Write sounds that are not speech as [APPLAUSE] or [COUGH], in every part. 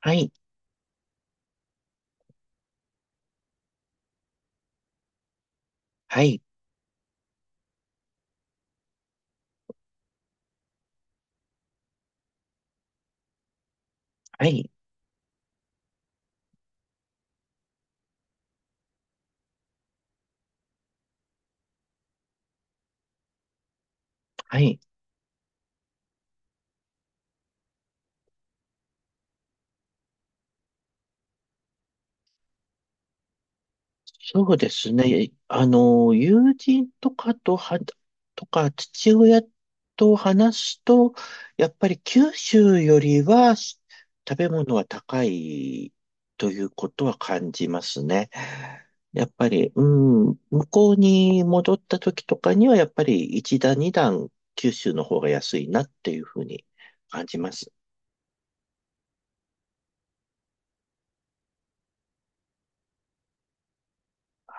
はい、はい、はい、はい。そうですね。友人とかとは、とか、父親と話すと、やっぱり九州よりは食べ物は高いということは感じますね。やっぱり、向こうに戻った時とかには、やっぱり一段二段九州の方が安いなっていうふうに感じます。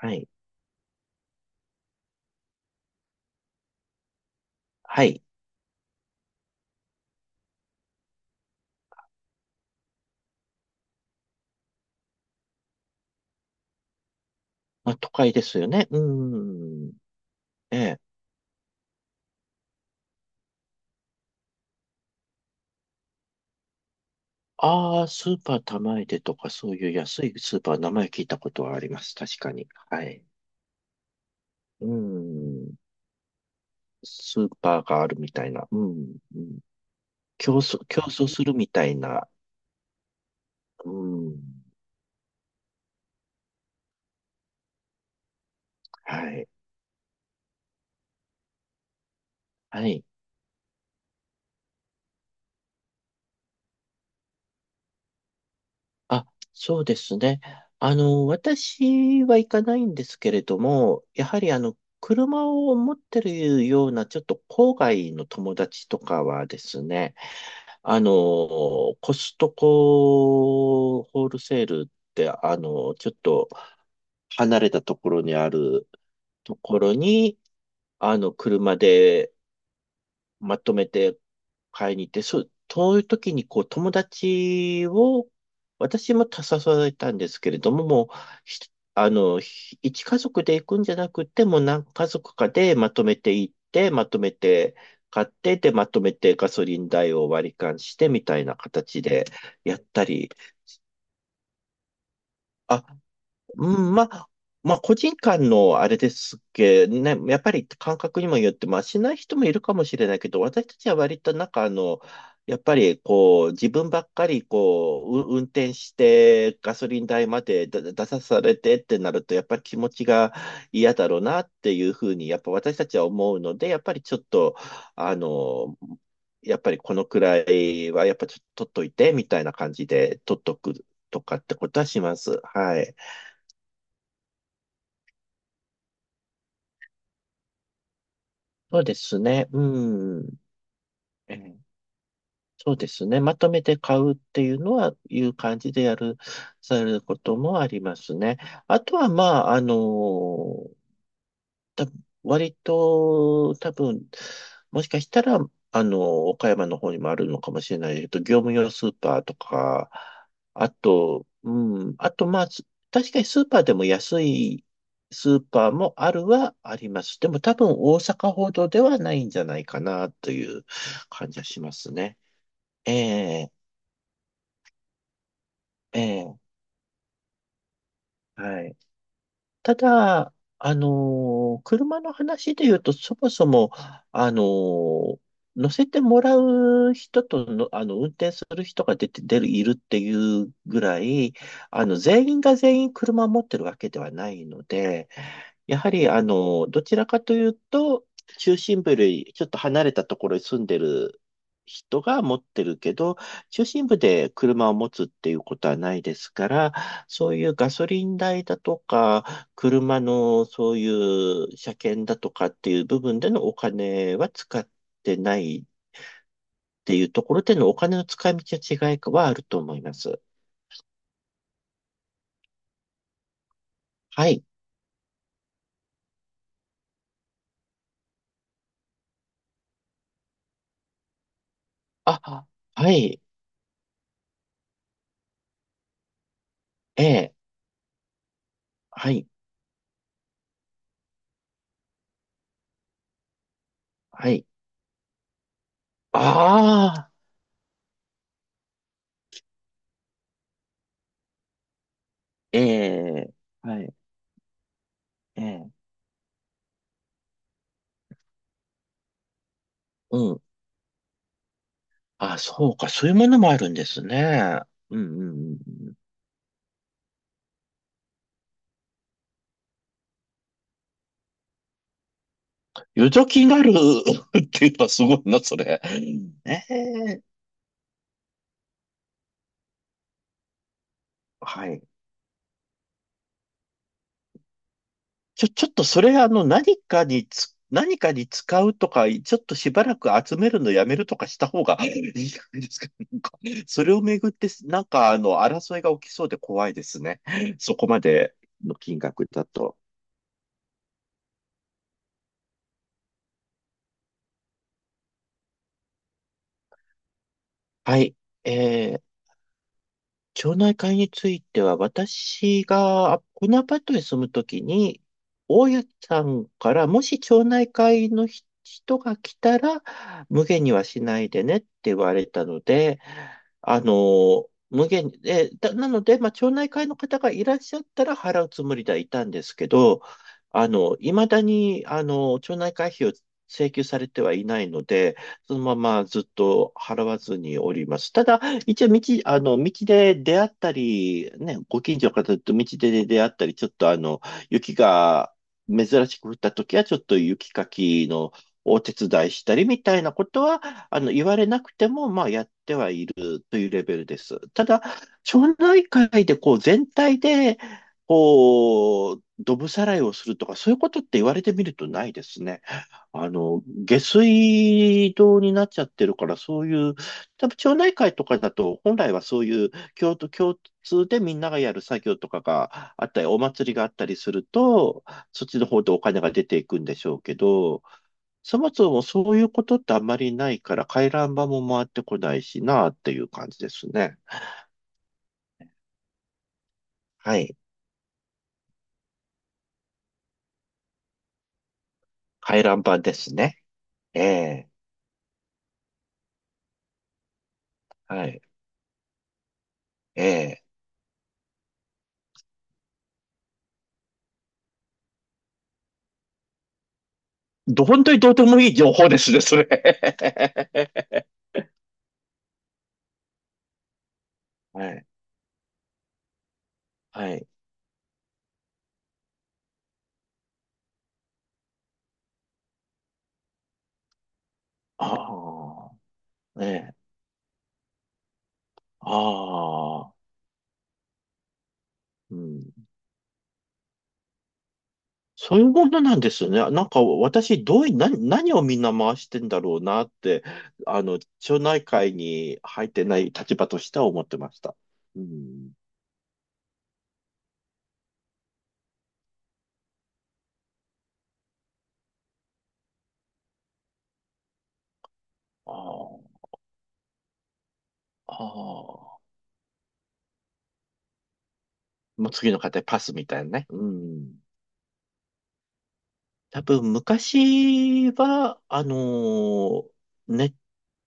はい、はい。まあ、都会ですよね。うん。ええ。ああ、スーパー玉出でとか、そういう安いスーパー、名前聞いたことはあります。確かに。はい。うん。スーパーがあるみたいな。うん。うん。競争するみたいな。うん。はい。はい。あ、そうですね。私は行かないんですけれども、やはり車を持ってるような、ちょっと郊外の友達とかはですね、あの、コストコホールセールって、ちょっと離れたところにあるところに、車でまとめて買いに行って、そう、そういう時にこう友達を、私も誘われたんですけれども、もう、ひあの、ひ一家族で行くんじゃなくて、もう何家族かでまとめて行って、まとめて買って、で、まとめてガソリン代を割り勘してみたいな形でやったり、あ、うん、まあ、まあ、個人間のあれですけど、ね、やっぱり感覚にもよって、まあ、しない人もいるかもしれないけど、私たちは割とやっぱりこう、自分ばっかりこう運転してガソリン代まで出さされてってなると、やっぱり気持ちが嫌だろうなっていうふうに、やっぱ私たちは思うので、やっぱりちょっと、あの、やっぱりこのくらいはやっぱちょっと取っといてみたいな感じで取っとくとかってことはします。はい。そうですね。うん。ええ、そうですね。まとめて買うっていうのは、いう感じでやる、されることもありますね。あとは、まあ、あのた、割と、多分、もしかしたら、岡山の方にもあるのかもしれないけど、業務用スーパーとか、あと、うん、あと、まあ、確かにスーパーでも安いスーパーもあるはあります。でも多分大阪ほどではないんじゃないかなという感じはしますね。ええ、ええ、はい。ただ、車の話で言うと、そもそも、あのー乗せてもらう人との、運転する人が出て、出る、いるっていうぐらい、全員が全員車を持ってるわけではないので、やはり、どちらかというと、中心部よりちょっと離れたところに住んでる人が持ってるけど、中心部で車を持つっていうことはないですから、そういうガソリン代だとか、車のそういう車検だとかっていう部分でのお金は使ってないっていうところでのお金の使い道は違いはあると思います。はい。あ、はい。ええ。はい。はい。ああ。ええ。はい。ええ。うん。あ、そうか。そういうものもあるんですね。うん、うん、うん、うん。余剰金がある [LAUGHS] っていうのはすごいな、それ。ええ。はい。ちょっとそれ何かに使うとか、ちょっとしばらく集めるのやめるとかした方が [LAUGHS] いいんじゃないですか。なんか、それをめぐって、なんか争いが起きそうで怖いですね。そこまでの金額だと。はい。えー町内会については、私がこのアパートに住むときに、大家さんから、もし町内会の人が来たら、無限にはしないでねって言われたので、あの、無限に、えだ、なので、まあ、町内会の方がいらっしゃったら払うつもりではいたんですけど、未だに、町内会費を請求されてはいないので、そのままずっと払わずにおります。ただ、一応道、あの、道で出会ったり、ね、ご近所の方と道で出会ったり、ちょっと雪が珍しく降った時は、ちょっと雪かきのお手伝いしたりみたいなことは、言われなくても、まあ、やってはいるというレベルです。ただ、町内会でこう、全体で、こう、どぶさらいをするとか、そういうことって言われてみるとないですね。下水道になっちゃってるから、そういう、多分町内会とかだと、本来はそういう共通でみんながやる作業とかがあったり、お祭りがあったりすると、そっちの方でお金が出ていくんでしょうけど、そもそもそういうことってあんまりないから、回覧板も回ってこないしなっていう感じですね。はい。回覧板ですね。ええ、はい。ええ。本当にどうでもいい情報ですね、それ。[LAUGHS] はい。はい。ああ、ねえ。ああ、うん。そういうものなんですよね。なんか私、どうい、何、何をみんな回してんだろうなって、町内会に入ってない立場としては思ってました。うん。ああ、ああ。もう次の方へパスみたいなね。うん。多分昔は、ネッ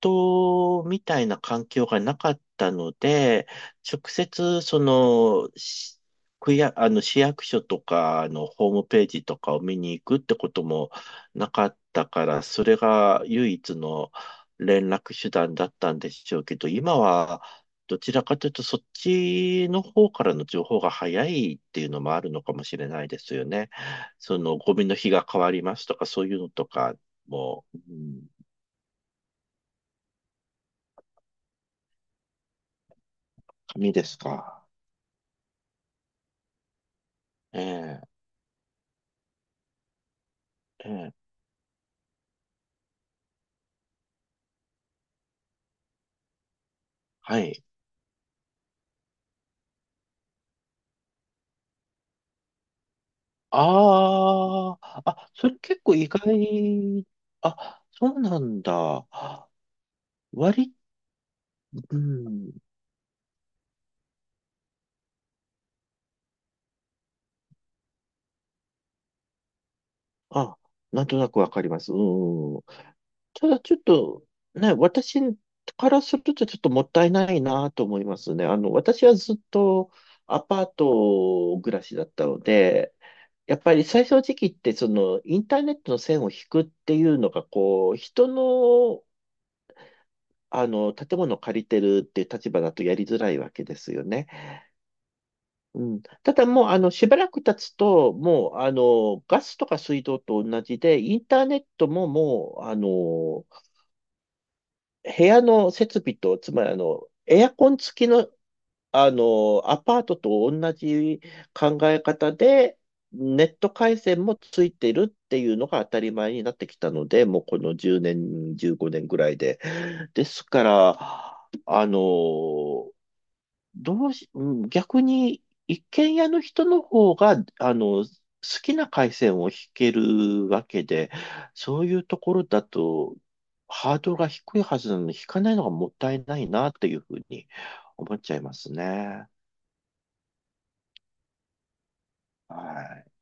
トみたいな環境がなかったので、直接、その、区や、市役所とかのホームページとかを見に行くってこともなかったから、それが唯一の連絡手段だったんでしょうけど、今は、どちらかというと、そっちの方からの情報が早いっていうのもあるのかもしれないですよね。そのゴミの日が変わりますとか、そういうのとかも、うん、紙ですか。ええ、ええ、はい。ああ、あ、それ結構意外。あ、そうなんだ。割り、うん。あ、なんとなくわかります。うん。ただちょっと、ね、私からするとちょっともったいないなと思いますね。私はずっとアパート暮らしだったので、やっぱり最初の時期って、その、インターネットの線を引くっていうのが、こう、人の、建物を借りてるっていう立場だとやりづらいわけですよね。うん。ただもう、しばらく経つと、もう、ガスとか水道と同じで、インターネットももう、部屋の設備と、つまり、エアコン付きのアパートと同じ考え方で、ネット回線もついてるっていうのが当たり前になってきたので、もうこの10年、15年ぐらいで。ですから、あの、どうし、うん逆に一軒家の人の方が、好きな回線を引けるわけで、そういうところだと、ハードルが低いはずなのに、引かないのがもったいないなっていうふうに思っちゃいますね。はい。